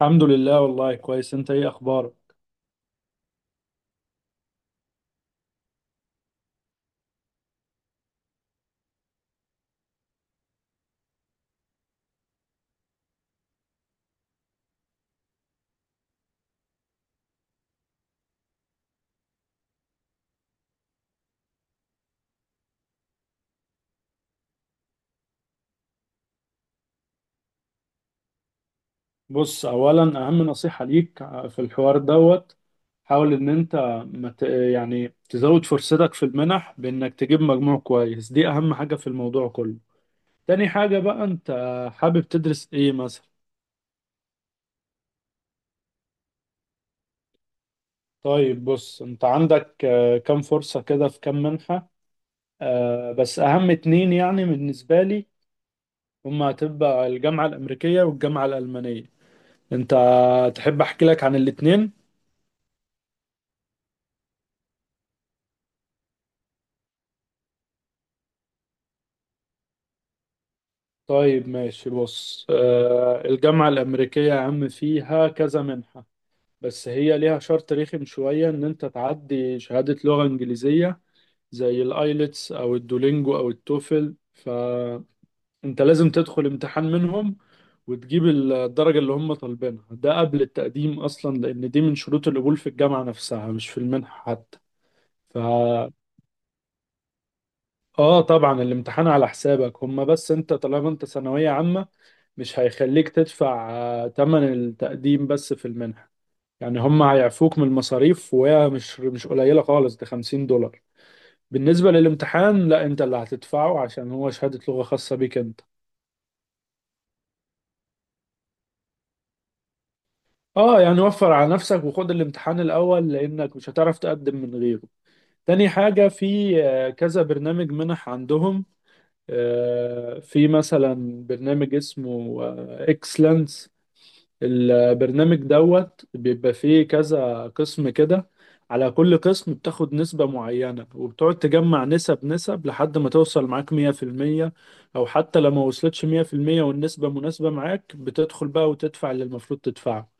الحمد لله والله كويس. انت ايه اخبارك؟ بص، اولا اهم نصيحة ليك في الحوار دوت، حاول ان انت مت يعني تزود فرصتك في المنح بانك تجيب مجموع كويس. دي اهم حاجة في الموضوع كله. تاني حاجة بقى، انت حابب تدرس ايه مثلا؟ طيب بص، انت عندك كام فرصة كده، في كام منحة. بس اهم اتنين يعني بالنسبة لي، هما هتبقى الجامعة الامريكية والجامعة الالمانية. انت تحب احكي لك عن الاتنين؟ طيب ماشي. بص الجامعة الأمريكية يا عم فيها كذا منحة، بس هي ليها شرط رخم شوية إن أنت تعدي شهادة لغة إنجليزية زي الآيلتس أو الدولينجو أو التوفل. فأنت لازم تدخل امتحان منهم وتجيب الدرجة اللي هم طالبينها، ده قبل التقديم أصلا، لأن دي من شروط القبول في الجامعة نفسها مش في المنحة حتى. ف آه، طبعا الامتحان على حسابك هم، بس أنت طالما أنت ثانوية عامة مش هيخليك تدفع تمن التقديم بس في المنحة. يعني هم هيعفوك من المصاريف، وهي مش قليلة خالص، ده $50. بالنسبة للامتحان، لا، انت اللي هتدفعه عشان هو شهادة لغة خاصة بيك انت. اه يعني وفر على نفسك وخد الامتحان الاول لانك مش هتعرف تقدم من غيره. تاني حاجة، في كذا برنامج منح عندهم. في مثلا برنامج اسمه اكسلنس. البرنامج دوت بيبقى فيه كذا قسم كده، على كل قسم بتاخد نسبة معينة، وبتقعد تجمع نسب نسب لحد ما توصل معاك 100%. أو حتى لو ما وصلتش 100% والنسبة مناسبة معاك، بتدخل بقى وتدفع اللي المفروض تدفعه.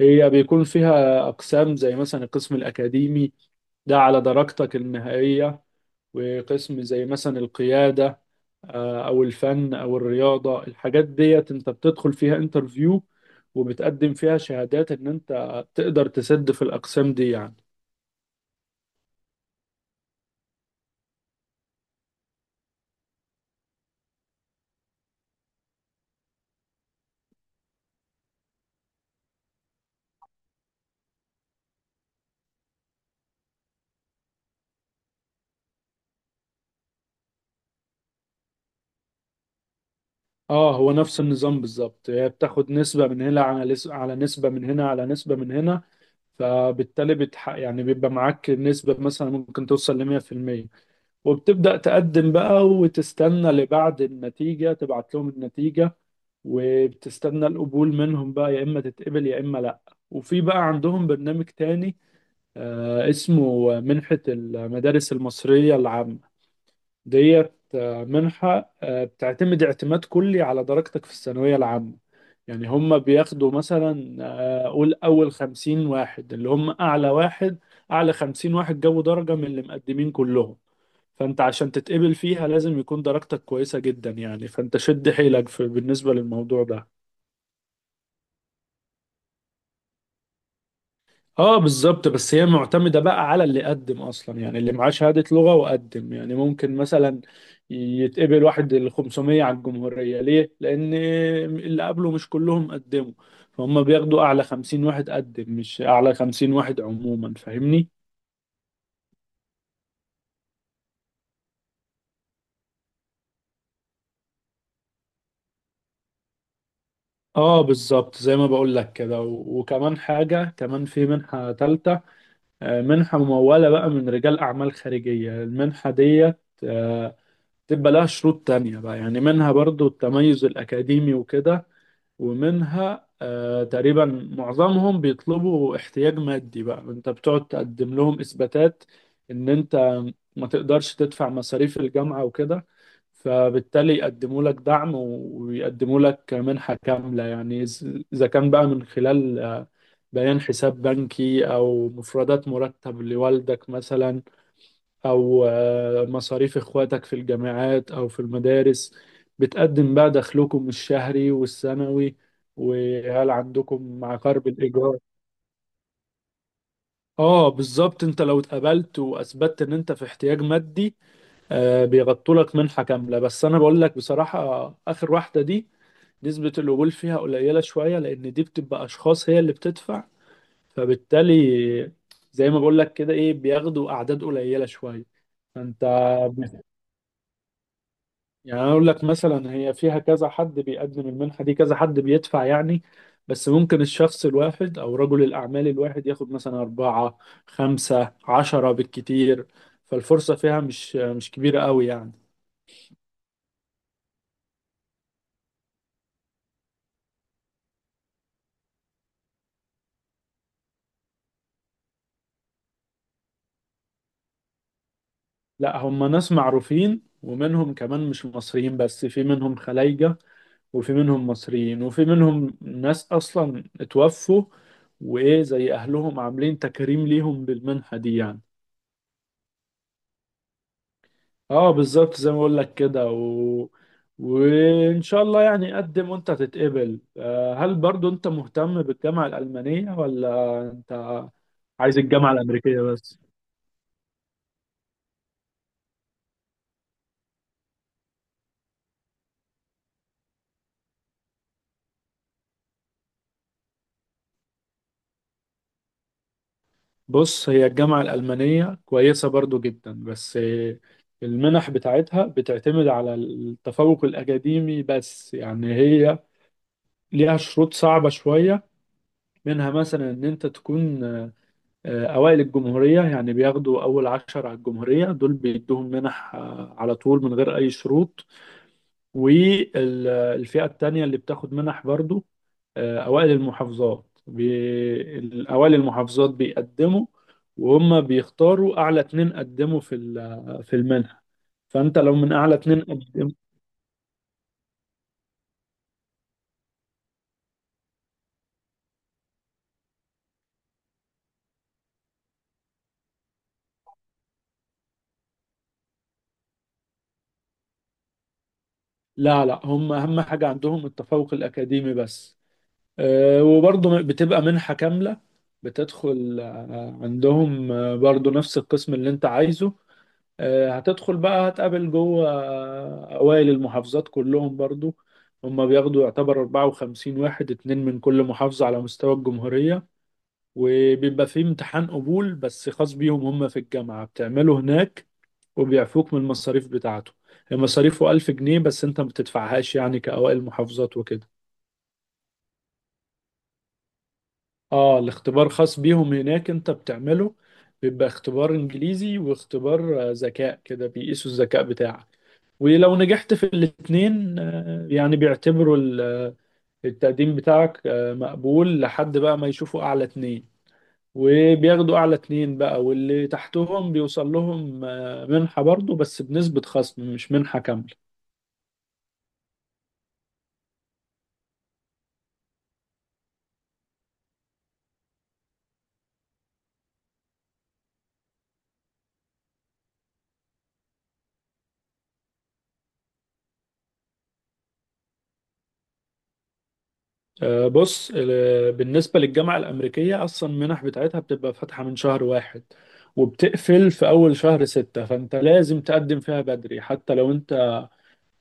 هي بيكون فيها أقسام زي مثلا القسم الأكاديمي، ده على درجتك النهائية، وقسم زي مثلا القيادة او الفن او الرياضة. الحاجات ديت انت بتدخل فيها انترفيو وبتقدم فيها شهادات ان انت تقدر تسد في الاقسام دي يعني. اه هو نفس النظام بالظبط. هي بتاخد نسبة من هنا، على على نسبة من هنا، على نسبة من هنا. فبالتالي يعني بيبقى معاك نسبة مثلا ممكن توصل ل 100%، وبتبدأ تقدم بقى وتستنى لبعد النتيجة تبعت لهم النتيجة، وبتستنى القبول منهم بقى، يا إما تتقبل يا إما لأ. وفي بقى عندهم برنامج تاني اسمه منحة المدارس المصرية العامة. ديت منحة بتعتمد اعتماد كلي على درجتك في الثانوية العامة. يعني هم بياخدوا مثلا قول أول 50 واحد اللي هم أعلى واحد، أعلى 50 واحد جابوا درجة من اللي مقدمين كلهم. فأنت عشان تتقبل فيها لازم يكون درجتك كويسة جدا يعني، فأنت شد حيلك في بالنسبة للموضوع ده. اه بالظبط، بس هي معتمدة بقى على اللي قدم اصلا. يعني اللي معاه شهادة لغة وقدم، يعني ممكن مثلا يتقبل واحد ال 500 على الجمهورية. ليه؟ لان اللي قبله مش كلهم قدموا. فهم بياخدوا اعلى 50 واحد قدم، مش اعلى 50 واحد عموما، فاهمني؟ اه بالظبط زي ما بقول لك كده. وكمان حاجة، كمان في منحة تالتة منحة ممولة بقى من رجال اعمال خارجية. المنحة ديت آه، تبقى لها شروط تانية بقى. يعني منها برضو التميز الأكاديمي وكده، ومنها آه تقريبا معظمهم بيطلبوا احتياج مادي. بقى انت بتقعد تقدم لهم إثباتات ان انت ما تقدرش تدفع مصاريف الجامعة وكده، فبالتالي يقدموا لك دعم ويقدموا لك منحة كاملة يعني. إذا كان بقى من خلال بيان حساب بنكي أو مفردات مرتب لوالدك مثلا، أو مصاريف إخواتك في الجامعات أو في المدارس، بتقدم بقى دخلكم الشهري والسنوي، وهل عندكم عقار بالإيجار. اه بالظبط، انت لو اتقبلت واثبتت ان انت في احتياج مادي آه بيغطوا لك منحه كامله. بس انا بقول لك بصراحه اخر واحده دي نسبه القبول فيها قليله شويه، لان دي بتبقى اشخاص هي اللي بتدفع، فبالتالي زي ما بقول لك كده ايه بياخدوا اعداد قليله شويه. فانت يعني، أنا أقول لك مثلا هي فيها كذا حد بيقدم المنحة دي، كذا حد بيدفع يعني. بس ممكن الشخص الواحد أو رجل الأعمال الواحد ياخد مثلا أربعة، خمسة، عشرة بالكتير. فالفرصة فيها مش كبيرة قوي يعني. لا هم ناس معروفين، ومنهم كمان مش مصريين، بس في منهم خلايجة، وفي منهم مصريين، وفي منهم ناس أصلا اتوفوا وإيه زي أهلهم عاملين تكريم ليهم بالمنحة دي يعني. اه بالظبط زي ما بقول لك كده وان شاء الله يعني قدم وانت تتقبل. هل برضو انت مهتم بالجامعة الألمانية ولا انت عايز الجامعة الأمريكية بس؟ بص هي الجامعة الألمانية كويسة برضو جدا، بس المنح بتاعتها بتعتمد على التفوق الأكاديمي بس يعني. هي ليها شروط صعبة شوية، منها مثلا ان انت تكون أوائل الجمهورية. يعني بياخدوا أول عشر على الجمهورية، دول بيدوهم منح على طول من غير أي شروط. والفئة التانية اللي بتاخد منح برضو أوائل المحافظات. أوائل المحافظات بيقدموا، وهم بيختاروا أعلى اتنين قدموا في في المنحة. فأنت لو من أعلى اتنين قدموا… لا لا، هم أهم حاجة عندهم التفوق الأكاديمي بس. وبرضه بتبقى منحة كاملة. بتدخل عندهم برضه نفس القسم اللي انت عايزه. هتدخل بقى، هتقابل جوه أوائل المحافظات كلهم برضه. هما بياخدوا يعتبر 54 واحد، اتنين من كل محافظة على مستوى الجمهورية. وبيبقى فيه امتحان قبول بس خاص بيهم هما في الجامعة، بتعمله هناك، وبيعفوك من المصاريف بتاعته. هي مصاريفه 1000 جنيه، بس انت ما بتدفعهاش يعني كأوائل محافظات وكده. اه الاختبار خاص بيهم هناك انت بتعمله. بيبقى اختبار انجليزي واختبار ذكاء كده، بيقيسوا الذكاء بتاعك. ولو نجحت في الاتنين يعني بيعتبروا التقديم بتاعك مقبول لحد بقى ما يشوفوا اعلى اتنين. وبياخدوا اعلى اتنين بقى، واللي تحتهم بيوصل لهم منحة برضو، بس بنسبة خصم مش منحة كاملة. بص بالنسبة للجامعة الأمريكية أصلا المنح بتاعتها بتبقى فاتحة من شهر واحد وبتقفل في أول شهر ستة. فأنت لازم تقدم فيها بدري، حتى لو أنت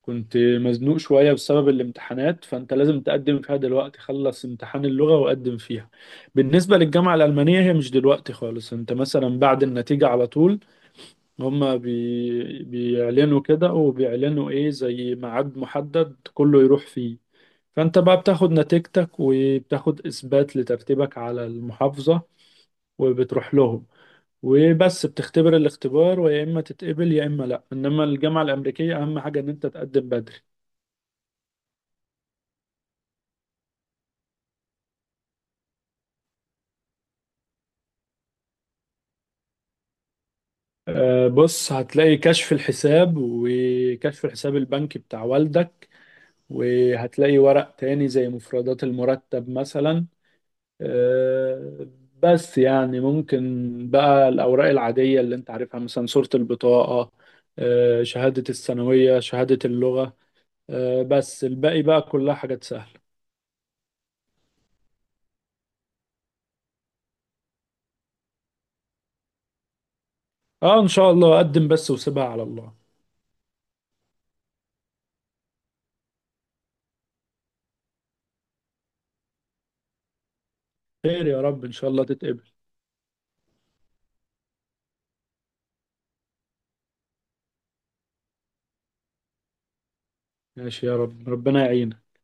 كنت مزنوق شوية بسبب الامتحانات، فأنت لازم تقدم فيها دلوقتي، خلص امتحان اللغة وقدم فيها. بالنسبة للجامعة الألمانية هي مش دلوقتي خالص، أنت مثلا بعد النتيجة على طول. هما بيعلنوا كده وبيعلنوا إيه زي ميعاد محدد كله يروح فيه. فانت بقى بتاخد نتيجتك وبتاخد اثبات لترتيبك على المحافظة وبتروح لهم وبس بتختبر الاختبار، ويا اما تتقبل يا اما لا. انما الجامعة الامريكية اهم حاجة ان انت تقدم بدري. بص هتلاقي كشف الحساب وكشف الحساب البنكي بتاع والدك، وهتلاقي ورق تاني زي مفردات المرتب مثلا آه، بس يعني ممكن بقى. الأوراق العادية اللي أنت عارفها مثلا صورة البطاقة شهادة الثانوية، شهادة اللغة بس الباقي بقى كلها حاجات سهلة. اه إن شاء الله، أقدم بس وسيبها على الله. خير يا رب إن شاء الله تتقبل. ماشي يا رب ربنا يعينك.